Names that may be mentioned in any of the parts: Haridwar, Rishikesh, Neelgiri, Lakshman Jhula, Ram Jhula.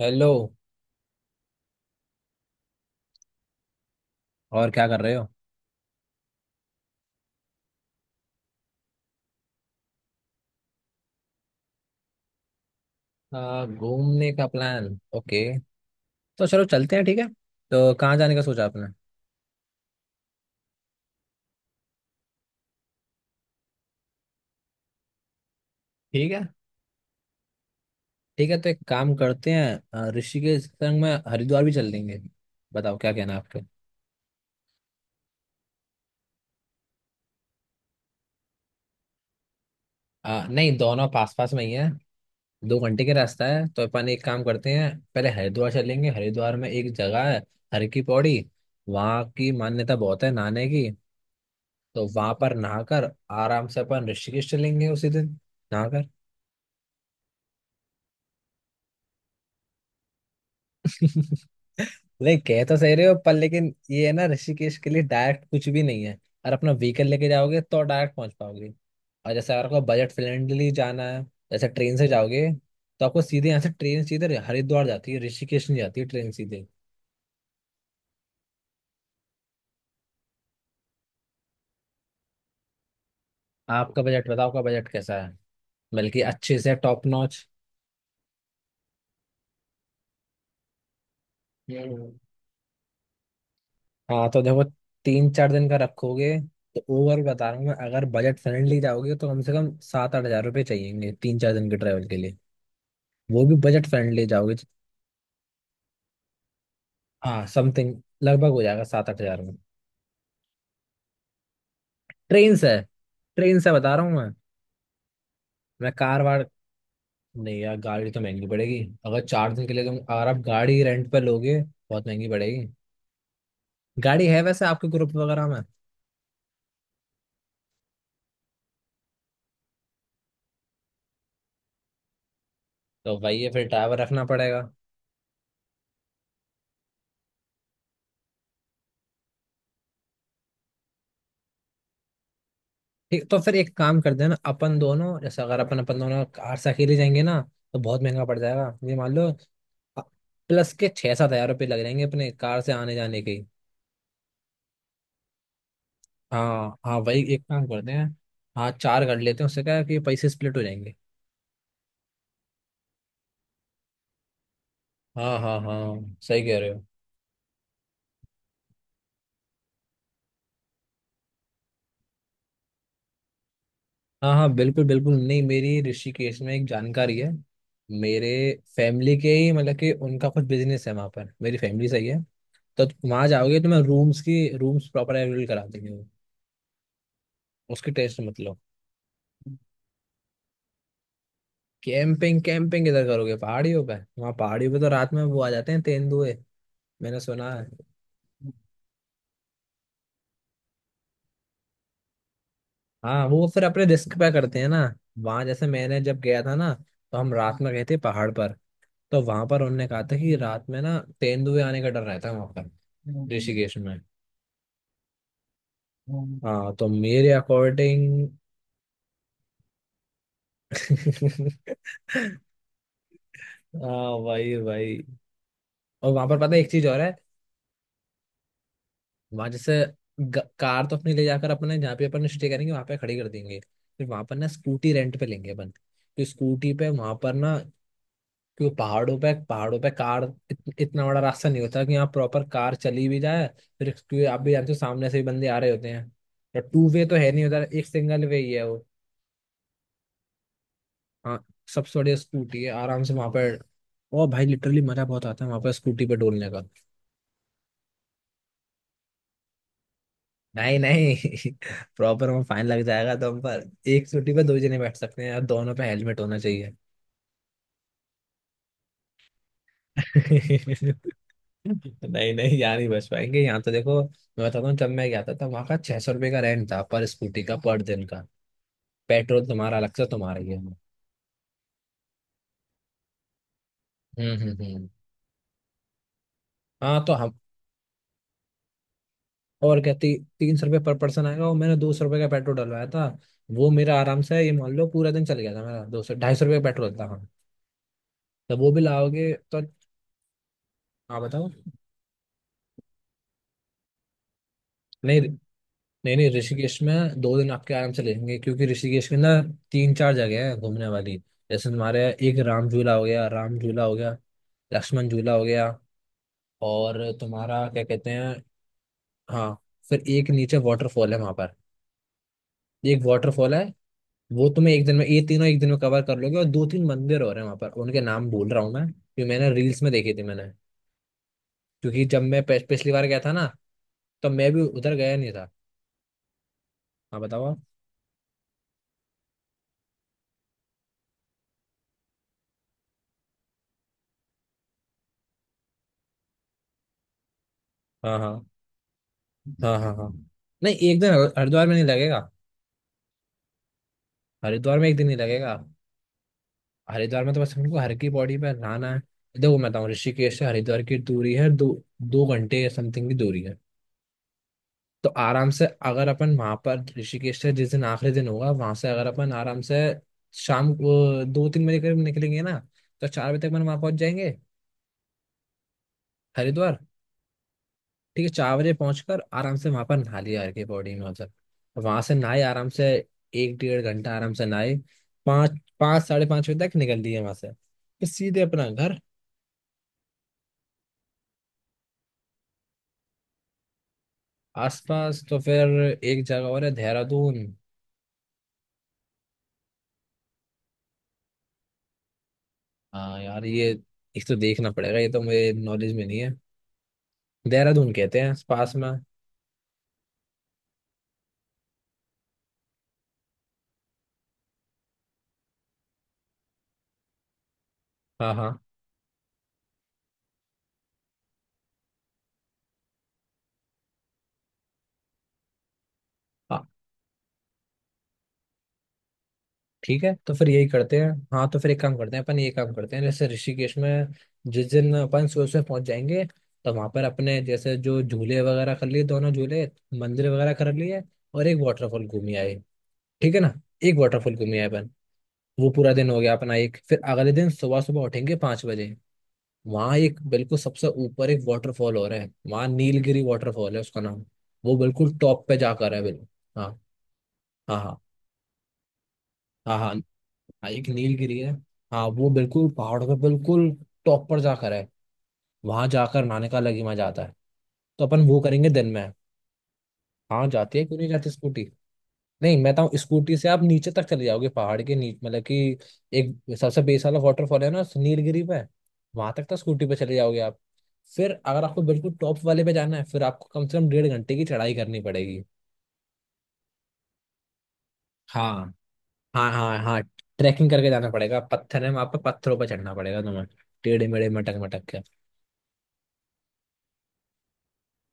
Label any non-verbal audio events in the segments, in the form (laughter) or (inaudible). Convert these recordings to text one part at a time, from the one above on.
Hello. और क्या कर रहे हो? घूमने का प्लान। ओके। तो चलो चलते हैं, ठीक है। तो कहाँ जाने का सोचा आपने? ठीक है, ठीक है, तो एक काम करते हैं। ऋषिकेश के संग में हरिद्वार भी चल लेंगे। बताओ क्या कहना है आपके। नहीं, दोनों पास पास में ही है। 2 घंटे का रास्ता है, तो अपन एक काम करते हैं, पहले हरिद्वार चलेंगे। हरिद्वार में एक जगह है, हर की पौड़ी। वहाँ की मान्यता बहुत है नहाने की। तो वहां पर नहाकर आराम से अपन ऋषिकेश चलेंगे उसी दिन। नहाकर। नहीं, कह तो सही रहे हो, पर लेकिन ये है ना ऋषिकेश के लिए डायरेक्ट कुछ भी नहीं है। और अपना व्हीकल लेके जाओगे तो डायरेक्ट पहुंच पाओगे। और जैसे अगर आपको बजट फ्रेंडली जाना है, जैसे ट्रेन से जाओगे, तो आपको सीधे यहाँ से ट्रेन, सीधे हरिद्वार जाती है, ऋषिकेश नहीं जाती है ट्रेन सीधे। आपका बजट बताओ, आपका बजट कैसा है? बल्कि अच्छे से टॉप नॉच। हम्म। हाँ, तो देखो, 3 4 दिन का रखोगे, तो ओवर बता रहा हूँ मैं, अगर बजट फ्रेंडली जाओगे तो कम से कम 7 8 हजार रुपये चाहिएंगे 3 4 दिन के ट्रैवल के लिए। वो भी बजट फ्रेंडली जाओगे। हाँ, समथिंग लगभग हो जाएगा 7 8 हजार में। ट्रेन से। ट्रेन से बता रहा हूँ मैं। मैं कार वार, नहीं यार गाड़ी तो महंगी पड़ेगी, अगर 4 दिन के लिए तुम अगर आप गाड़ी रेंट पे लोगे, बहुत महंगी पड़ेगी। गाड़ी है वैसे आपके ग्रुप वगैरह में? तो वही है, फिर ड्राइवर रखना पड़ेगा। ठीक, तो फिर एक काम कर देना, अपन दोनों जैसे अगर अपन अपन दोनों कार से अकेले जाएंगे ना, तो बहुत महंगा पड़ जाएगा ये मान लो। प्लस के 6 7 हजार रुपये लग जाएंगे अपने कार से आने जाने के। हाँ हाँ, वही एक काम करते हैं। हाँ, चार कर लेते हैं, उससे क्या है कि पैसे स्प्लिट हो जाएंगे। हाँ हाँ हाँ, सही कह रहे हो। हाँ हाँ, बिल्कुल बिल्कुल। नहीं, मेरी ऋषिकेश में एक जानकारी है, मेरे फैमिली के ही मतलब, कि उनका कुछ बिजनेस है वहाँ पर, मेरी फैमिली सही है। तो वहाँ जाओगे तो मैं रूम्स की, रूम्स प्रॉपर अवेलेबल करा देंगे वो। उसकी टेस्ट मतलब। कैंपिंग? कैंपिंग किधर करोगे पहाड़ियों पे? वहाँ पहाड़ियों पे तो रात में वो आ जाते हैं तेंदुए। मैंने सुना है। हाँ, वो फिर अपने रिस्क पे करते हैं ना। वहां जैसे मैंने जब गया था ना, तो हम रात में गए थे पहाड़ पर। तो वहां पर उन्होंने कहा था कि रात में ना तेंदुए आने का डर रहता है वहां पर ऋषिकेश में। हाँ, तो मेरे अकॉर्डिंग। (laughs) हाँ भाई भाई। और वहां पर पता है एक चीज और है। वहां जैसे कार तो अपनी ले जाकर अपने जहाँ पे अपन स्टे करेंगे वहां पे खड़ी कर देंगे। फिर वहां पर ना स्कूटी रेंट पे लेंगे अपन, तो स्कूटी पे वहां पर ना। क्यों? पहाड़ों पे कार, इतना बड़ा रास्ता नहीं होता कि यहाँ प्रॉपर कार चली भी जाए। फिर क्योंकि आप भी जानते हो सामने से भी बंदे आ रहे होते हैं, तो टू वे तो है नहीं उधर, एक सिंगल वे ही है वो। हाँ, सबसे बढ़िया स्कूटी है, आराम से वहां पर। ओ भाई, लिटरली मजा बहुत आता है वहां पर स्कूटी पे डोलने का। नहीं नहीं, (laughs) प्रॉपर वहाँ फाइन लग जाएगा, तो हम पर एक स्कूटी पे दो जने बैठ सकते हैं यार, दोनों पे हेलमेट होना चाहिए। नहीं नहीं, यहाँ नहीं बच पाएंगे। यहाँ तो देखो मैं बताता हूँ, जब मैं गया था तब वहाँ का 600 रुपये का रेंट था पर स्कूटी का पर दिन का। पेट्रोल तुम्हारा अलग से, तुम्हारा ही है। हम्म हम्म हम्म। हाँ तो हम, और क्या 300 रुपये पर पर्सन आएगा, और मैंने 200 रुपये का पेट्रोल डलवाया था, वो मेरा आराम से ये मान लो पूरा दिन चल गया था मेरा, 200 250 रुपये का पेट्रोल था, हाँ। तो वो भी लाओगे तो। हाँ बताओ। नहीं नहीं नहीं, ऋषिकेश में 2 दिन आपके आराम से लेंगे क्योंकि ऋषिकेश में ना तीन चार जगह है घूमने वाली। जैसे तुम्हारे एक राम झूला हो गया, राम झूला हो गया, लक्ष्मण झूला हो गया, और तुम्हारा क्या कहते हैं। हाँ, फिर एक नीचे वाटरफॉल है वहां पर, एक वाटरफॉल है। वो तुम्हें एक दिन में ये तीनों एक दिन में कवर कर लोगे, और दो तीन मंदिर और हैं वहां पर, उनके नाम भूल रहा हूँ मैं, क्योंकि मैंने रील्स में देखी थी मैंने। क्योंकि जब मैं पिछली बार गया था ना, तो मैं भी उधर गया नहीं था। हाँ बताओ आप। हाँ हाँ हाँ। हाँ हाँ, नहीं एक दिन हरिद्वार में नहीं लगेगा, हरिद्वार में एक दिन ही लगेगा। हरिद्वार में तो बस हमको हर की बॉडी पे नहाना है। देखो मैं बताऊँ, ऋषिकेश से हरिद्वार की दूरी है दो, 2 घंटे समथिंग की दूरी है। तो आराम से अगर अपन वहां पर ऋषिकेश से जिस दिन आखिरी दिन होगा वहां से अगर अपन आराम से शाम को 2 3 बजे करीब निकलेंगे ना, तो 4 बजे तक अपन वहां पहुंच जाएंगे, हरिद्वार। ठीक है, 4 बजे पहुंचकर आराम से वहां पर नहा लिया हर की बॉडी में मतलब, वहां से नहाए आराम से, एक 1.5 घंटा आराम से नहाए, पाँच, पाँच 5:30 बजे तक निकल दिए वहां से फिर सीधे अपना घर। आसपास तो फिर एक जगह और है, देहरादून। हाँ यार ये एक तो देखना पड़ेगा, ये तो मेरे नॉलेज में नहीं है, देहरादून कहते हैं पास में। हाँ हाँ हाँ। ठीक है तो फिर यही करते हैं, हाँ तो फिर एक काम करते हैं, अपन ये काम करते हैं जैसे ऋषिकेश में जिस दिन अपन सुबह सुबह पहुंच जाएंगे, तो वहां पर अपने जैसे जो झूले वगैरह कर लिए दोनों झूले, मंदिर वगैरह कर लिए, और एक वाटरफॉल घूमी आए। ठीक है ना, एक वाटरफॉल घूमी आए अपन। वो पूरा दिन हो गया अपना एक, फिर अगले दिन सुबह सुबह उठेंगे 5 बजे। वहाँ एक बिल्कुल सबसे ऊपर एक वाटरफॉल हो रहा है वहाँ, नीलगिरी वाटरफॉल है उसका नाम। वो बिल्कुल टॉप पे जाकर है बिल्कुल। हाँ हाँ हाँ हाँ हाँ। हाँ, एक नीलगिरी है। हाँ, वो बिल्कुल पहाड़ पे बिल्कुल टॉप पर जाकर है। वहां जाकर नहाने का अलग ही मजा आता है, तो अपन वो करेंगे दिन में। हाँ जाती है, क्यों नहीं जाती स्कूटी? नहीं, मैं बताऊँ, स्कूटी से आप नीचे तक चले जाओगे पहाड़ के नीचे, मतलब कि एक सबसे बेस वाला वाटरफॉल है ना नीलगिरी पे, वहां तक तो स्कूटी पे चले जाओगे आप। फिर अगर आपको बिल्कुल टॉप वाले पे जाना है, फिर आपको कम से कम 1.5 घंटे की चढ़ाई करनी पड़ेगी। हाँ हाँ हाँ हाँ, ट्रैकिंग करके जाना पड़ेगा, पत्थर है वहां पे, पत्थरों पर चढ़ना पड़ेगा तुम्हें टेढ़े मेढ़े, मटक मटक के।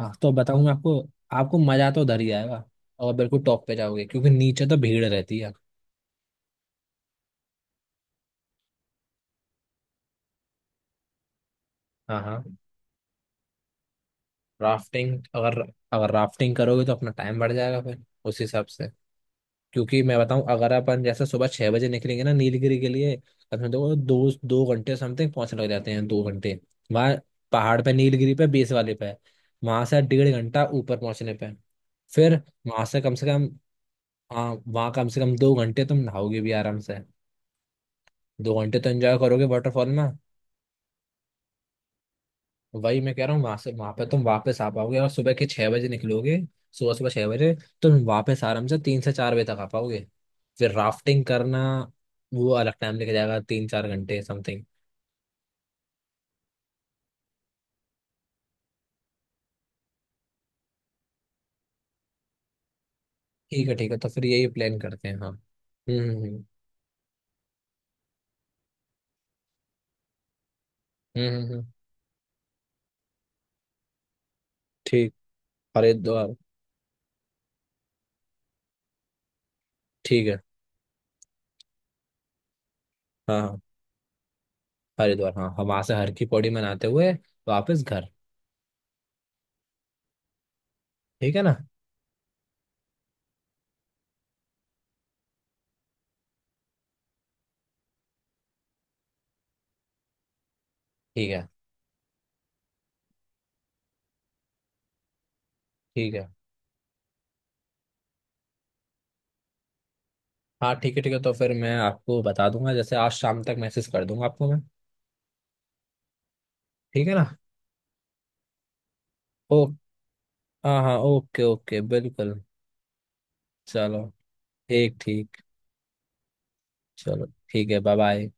हाँ तो बताऊँ मैं आपको, आपको मजा तो उधर ही आएगा, और बिल्कुल टॉप पे जाओगे, क्योंकि नीचे तो भीड़ रहती है। हाँ हाँ, राफ्टिंग अगर, अगर राफ्टिंग करोगे तो अपना टाइम बढ़ जाएगा फिर उस हिसाब से। क्योंकि मैं बताऊं अगर अपन जैसे सुबह 6 बजे निकलेंगे ना नीलगिरी के लिए, अपने देखो दो दो घंटे समथिंग पहुंचने लग जाते हैं, दो घंटे वहां, पहाड़ पे नीलगिरी पे बेस वाले पे, वहां से 1.5 घंटा ऊपर पहुंचने पे, फिर वहां से कम से कम, हाँ वहां कम से कम 2 घंटे तुम नहाओगे भी आराम से, 2 घंटे तो एंजॉय करोगे वाटरफॉल में। वही मैं कह रहा हूँ वहां से, वहां पे तुम वापस आ पाओगे और सुबह के 6 बजे निकलोगे, सुबह सुबह 6 बजे, तुम वापस आराम से 3 से 4 बजे तक आ पाओगे। फिर राफ्टिंग करना, वो अलग टाइम लेके जाएगा 3 4 घंटे समथिंग। ठीक है तो फिर यही प्लान करते हैं। हाँ हम्म। हम्म, हम्म, हम्म, ठीक। हरिद्वार। ठीक है। हाँ हाँ, हरिद्वार हाँ, हम वहां से हर की पौड़ी मनाते हुए वापस घर। ठीक है ना। ठीक है ठीक है, हाँ, ठीक है तो फिर मैं आपको बता दूंगा, जैसे आज शाम तक मैसेज कर दूंगा आपको मैं। ठीक है ना। ओके। हाँ हाँ, ओके ओके, बिल्कुल। चलो, ठीक ठीक। चलो ठीक है, बाय बाय।